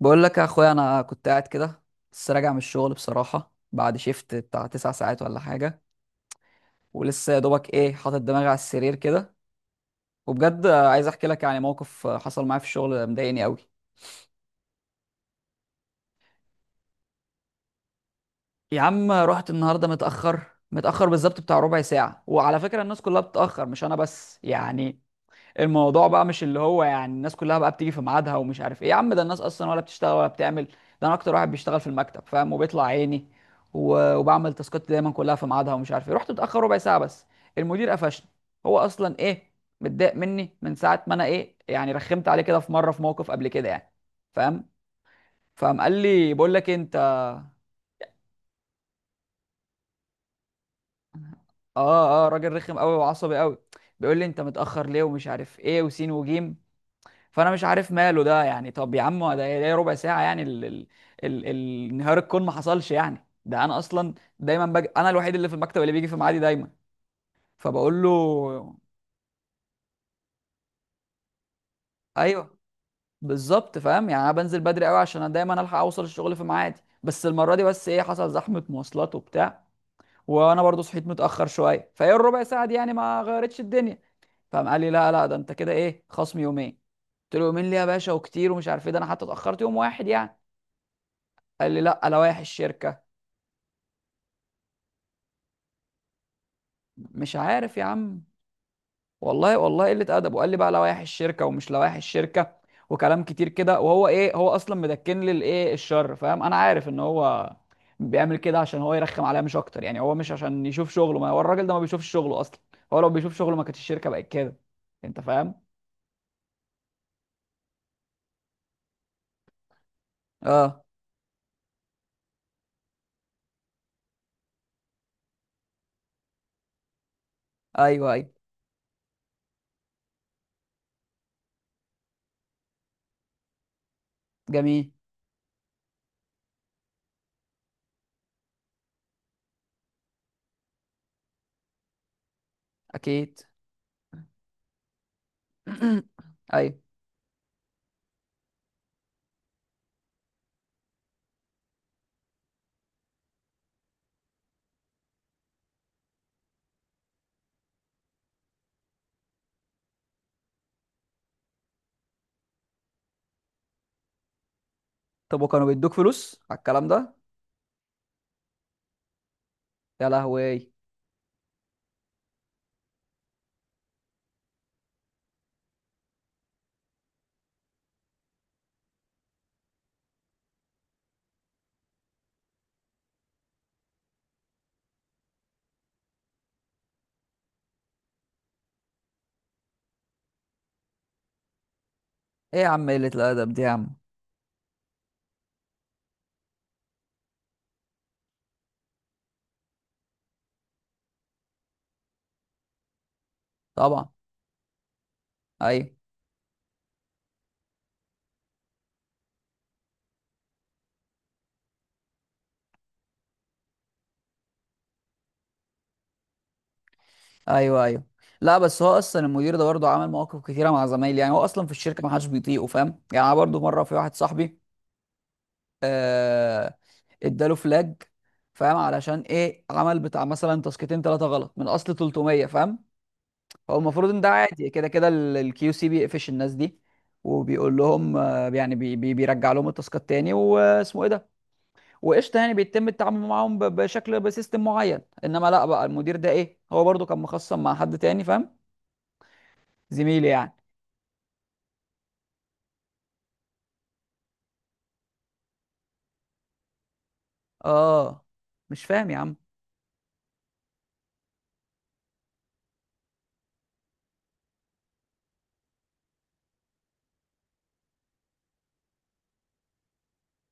بقول لك يا اخويا انا كنت قاعد كده. لسه راجع من الشغل بصراحه بعد شيفت بتاع تسع ساعات ولا حاجه. ولسه يا دوبك ايه حاطط دماغي على السرير كده. وبجد عايز احكي لك، يعني موقف حصل معايا في الشغل مضايقني قوي. يا عم رحت النهارده متاخر، متاخر بالظبط بتاع ربع ساعه، وعلى فكره الناس كلها بتتاخر مش انا بس يعني. الموضوع بقى مش اللي هو يعني الناس كلها بقى بتيجي في ميعادها ومش عارف ايه، يا عم ده الناس اصلا ولا بتشتغل ولا بتعمل. ده انا اكتر واحد بيشتغل في المكتب، فاهم، وبيطلع عيني و- وبعمل تاسكات دايما كلها في ميعادها ومش عارف ايه. رحت متاخر ربع ساعه بس، المدير قفشني. هو اصلا ايه، متضايق مني من ساعه ما انا ايه يعني، رخمت عليه كده في مره في موقف قبل كده يعني، فاهم. فقام قال لي بقول لك إيه، انت. اه اه، راجل رخم قوي وعصبي قوي. بيقول لي انت متاخر ليه ومش عارف ايه وسين وجيم. فانا مش عارف ماله ده يعني. طب يا عم ده إيه؟ ده ربع ساعه يعني. انهيار الكون ما حصلش يعني. ده انا اصلا دايما انا الوحيد اللي في المكتب اللي بيجي في ميعادي دايما. فبقول له ايوه بالظبط، فاهم يعني انا بنزل بدري قوي عشان أنا دايما الحق اوصل الشغل في ميعادي، بس المره دي بس ايه، حصل زحمه مواصلات وبتاع، وانا برضو صحيت متاخر شويه، فايه الربع ساعه دي يعني ما غيرتش الدنيا. فقام قال لي لا لا، ده انت كده ايه، خصم يومين. قلت له يومين ليه يا باشا وكتير ومش عارف ايه، ده انا حتى اتاخرت يوم واحد يعني. قال لي لا، لوائح الشركه. مش عارف يا عم، والله والله قلة أدب. وقال لي بقى لوائح الشركة ومش لوائح الشركة وكلام كتير كده. وهو إيه، هو أصلا مدكن لي الإيه، الشر، فاهم. أنا عارف إن هو بيعمل كده عشان هو يرخم عليا مش أكتر يعني، هو مش عشان يشوف شغله، ما هو الراجل ده ما بيشوفش شغله أصلا. هو لو بيشوف شغله ما كانتش الشركة بقت كده. أنت فاهم؟ أه. أيوه أيوه. جميل. أكيد. أيوه. طب وكانوا بيدوك فلوس على الكلام ده؟ يا لهوي إيه. يا عم قلة الأدب دي يا عم. طبعا. أيوه. ايوه ايوه. لا بس هو اصلا المدير ده برضه عمل مواقف كتيره مع زمايلي يعني. هو اصلا في الشركه ما حدش بيطيقه، فاهم يعني. انا برضه مره في واحد صاحبي. آه. اداله فلاج، فاهم، علشان ايه، عمل بتاع مثلا تاسكتين ثلاثه غلط من اصل 300، فاهم. هو المفروض ان ده عادي كده كده، الكيو سي بيقفش الناس دي وبيقول لهم آه، يعني بي بي بيرجع لهم التاسكات تاني واسمه ايه ده، وقشطه، يعني بيتم التعامل معاهم بشكل بسيستم معين. انما لا، بقى المدير ده ايه، هو برضه كان مخصم مع حد تاني، فاهم، زميلي يعني. اه. مش فاهم يا عم.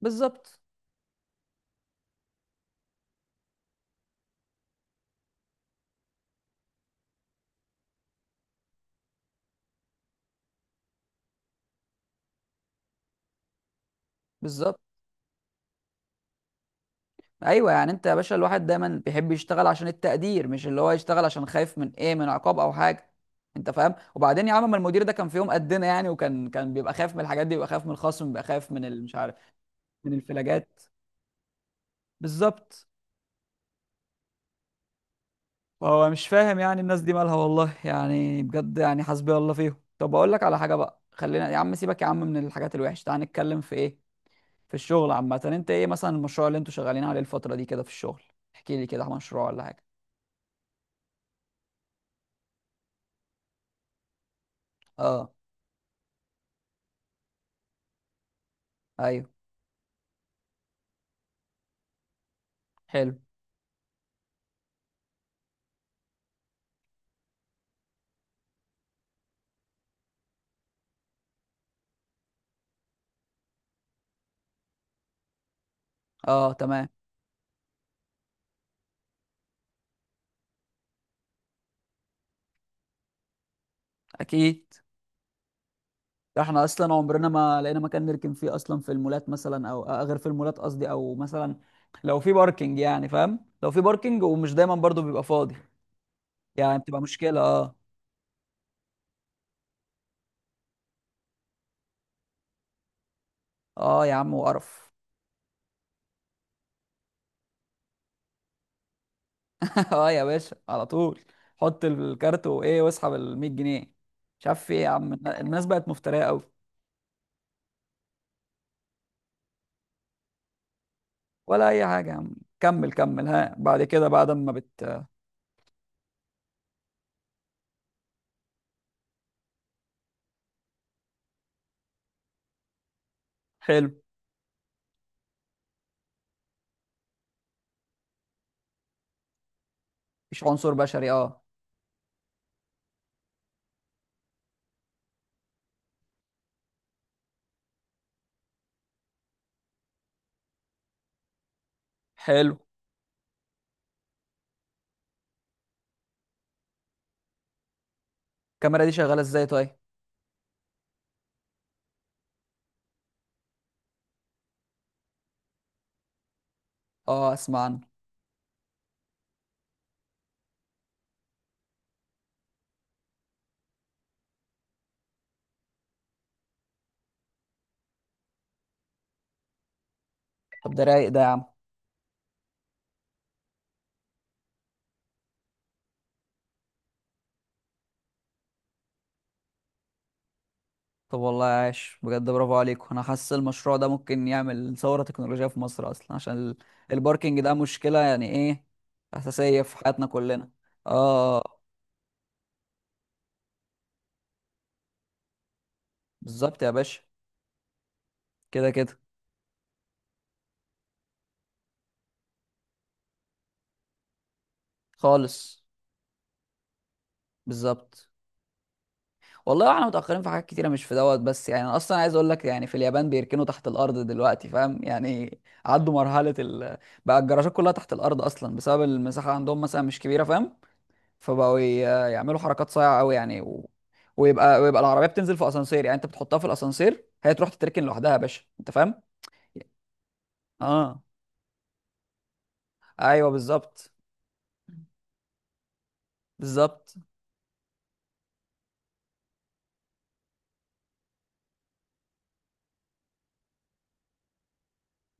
بالظبط بالظبط. ايوه، يعني انت يا باشا الواحد دايما بيحب يشتغل عشان التقدير، مش اللي هو يشتغل عشان خايف من ايه، من عقاب او حاجه. انت فاهم. وبعدين يا عم، ما المدير ده كان في يوم قدنا يعني، وكان كان بيبقى خايف من الحاجات دي، بيبقى خايف من الخصم، بيبقى خايف من مش عارف، من الفلاجات. بالظبط. فهو مش فاهم يعني الناس دي مالها، والله يعني بجد يعني حسبي الله فيهم. طب اقول لك على حاجه بقى، خلينا يا عم، سيبك يا عم من الحاجات الوحشه، تعال نتكلم في ايه، في الشغل عامة. انت ايه مثلا المشروع اللي انتوا شغالين عليه الفترة دي كده في الشغل؟ احكي لي كده مشروع ولا حاجة. اه. ايوه. حلو. اه. تمام. اكيد. ده احنا اصلا عمرنا ما لقينا مكان نركن فيه اصلا، في المولات مثلا، او غير في المولات قصدي، او مثلا لو في باركينج، يعني فاهم، لو في باركينج ومش دايما برضو بيبقى فاضي. يعني بتبقى مشكلة، اه. اه يا عم وقرف. اه يا باشا على طول، حط الكارت وايه، واسحب ال 100 جنيه. مش عارف في ايه يا عم. الناس بقت مفترية قوي. ولا اي حاجه يا عم. كمل كمل، ها، بعد كده بعد ما حلو. مفيش عنصر بشري، اه. حلو. الكاميرا دي شغاله ازاي طيب؟ اه اسمع عنه. طب ده رايق ده يا عم. طب والله عاش، بجد برافو عليكم، انا حاسس المشروع ده ممكن يعمل ثوره تكنولوجيه في مصر اصلا عشان الباركينج ده مشكله يعني ايه، اساسيه في حياتنا كلنا. اه. بالظبط يا باشا، كده كده. خالص. بالظبط. والله احنا متأخرين في حاجات كتيرة مش في دوت بس يعني. انا اصلا عايز اقول لك يعني، في اليابان بيركنوا تحت الارض دلوقتي، فاهم يعني، عدوا مرحلة بقى الجراجات كلها تحت الارض اصلا بسبب المساحة عندهم مثلا مش كبيرة، فاهم. فبقوا ي- يعملوا حركات صايعة قوي يعني، و... ويبقى ويبقى العربية بتنزل في اسانسير، يعني انت بتحطها في الاسانسير هي تروح تتركن لوحدها يا باشا، انت فاهم. اه. ايوه بالظبط بالظبط.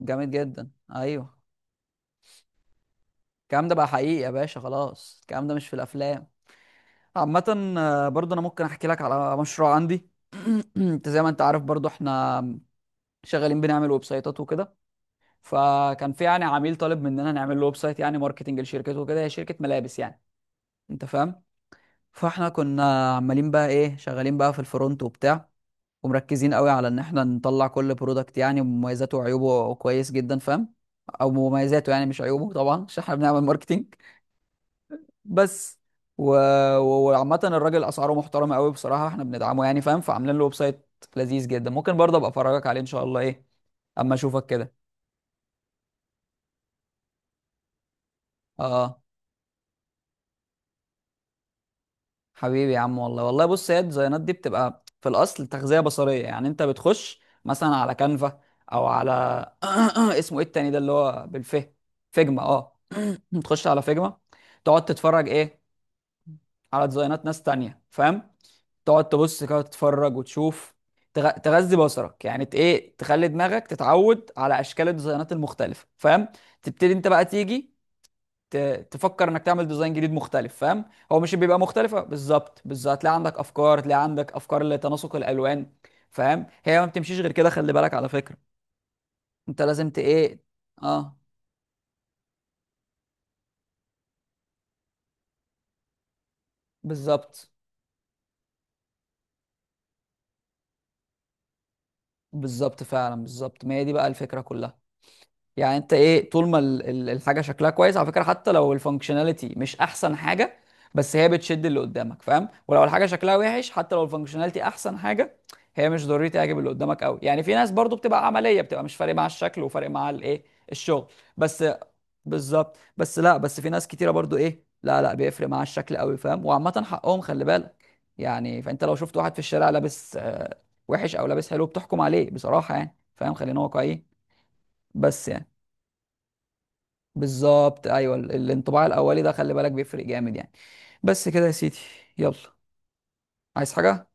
جامد جدا. ايوه الكلام ده بقى حقيقي يا باشا، خلاص الكلام ده مش في الافلام. عامة برضه انا ممكن احكي لك على مشروع عندي. انت زي ما انت عارف برضه احنا شغالين بنعمل ويب سايتات وكده. فكان في يعني عميل طالب مننا نعمل له ويب سايت يعني ماركتنج لشركته وكده، هي شركة ملابس يعني، انت فاهم. فاحنا كنا عمالين بقى ايه، شغالين بقى في الفرونت وبتاع، ومركزين قوي على ان احنا نطلع كل برودكت يعني مميزاته وعيوبه كويس جدا، فاهم، او مميزاته يعني مش عيوبه طبعا عشان احنا بنعمل ماركتنج بس. و... و- وعامة الراجل اسعاره محترمة قوي بصراحة، احنا بندعمه يعني، فاهم، فعاملين له ويب سايت لذيذ جدا. ممكن برضه ابقى افرجك عليه ان شاء الله ايه، اما اشوفك كده. اه حبيبي يا عم، والله والله بص، هي الديزاينات دي بتبقى في الاصل تغذية بصرية، يعني انت بتخش مثلا على كانفا او على اسمه ايه التاني ده اللي هو بالف، فيجما، اه. تخش على فيجما، تقعد تتفرج ايه، على ديزاينات ناس تانية، فاهم. تقعد تبص كده تتفرج وتشوف، تغذي بصرك يعني، ايه، تخلي دماغك تتعود على اشكال الديزاينات المختلفه، فاهم. تبتدي انت بقى تيجي ت... تفكر انك تعمل ديزاين جديد مختلف، فاهم. هو مش بيبقى مختلفه بالظبط بالظبط، هتلاقي عندك افكار، هتلاقي عندك افكار لتناسق الالوان، فاهم. هي ما بتمشيش غير كده، خلي بالك على فكره، انت لازم ت ايه. اه. بالظبط. بالظبط فعلا بالظبط، ما هي دي بقى الفكره كلها. يعني انت ايه، طول ما الحاجه شكلها كويس على فكره، حتى لو الفانكشناليتي مش احسن حاجه، بس هي بتشد اللي قدامك، فاهم. ولو الحاجه شكلها وحش حتى لو الفانكشناليتي احسن حاجه، هي مش ضروري تعجب اللي قدامك قوي يعني. في ناس برضو بتبقى عمليه، بتبقى مش فارق مع الشكل، وفارق مع الايه، الشغل بس. بالظبط بس. لا بس في ناس كتيره برضو ايه، لا لا بيفرق مع الشكل قوي، فاهم، وعامه حقهم خلي بالك يعني. فانت لو شفت واحد في الشارع لابس وحش او لابس حلو بتحكم عليه بصراحه يعني، فاهم، خلينا واقعيين. بس يعني بالظبط ايوه، الانطباع الاولي ده خلي بالك بيفرق جامد يعني. بس كده يا سيدي. يلا، عايز حاجه؟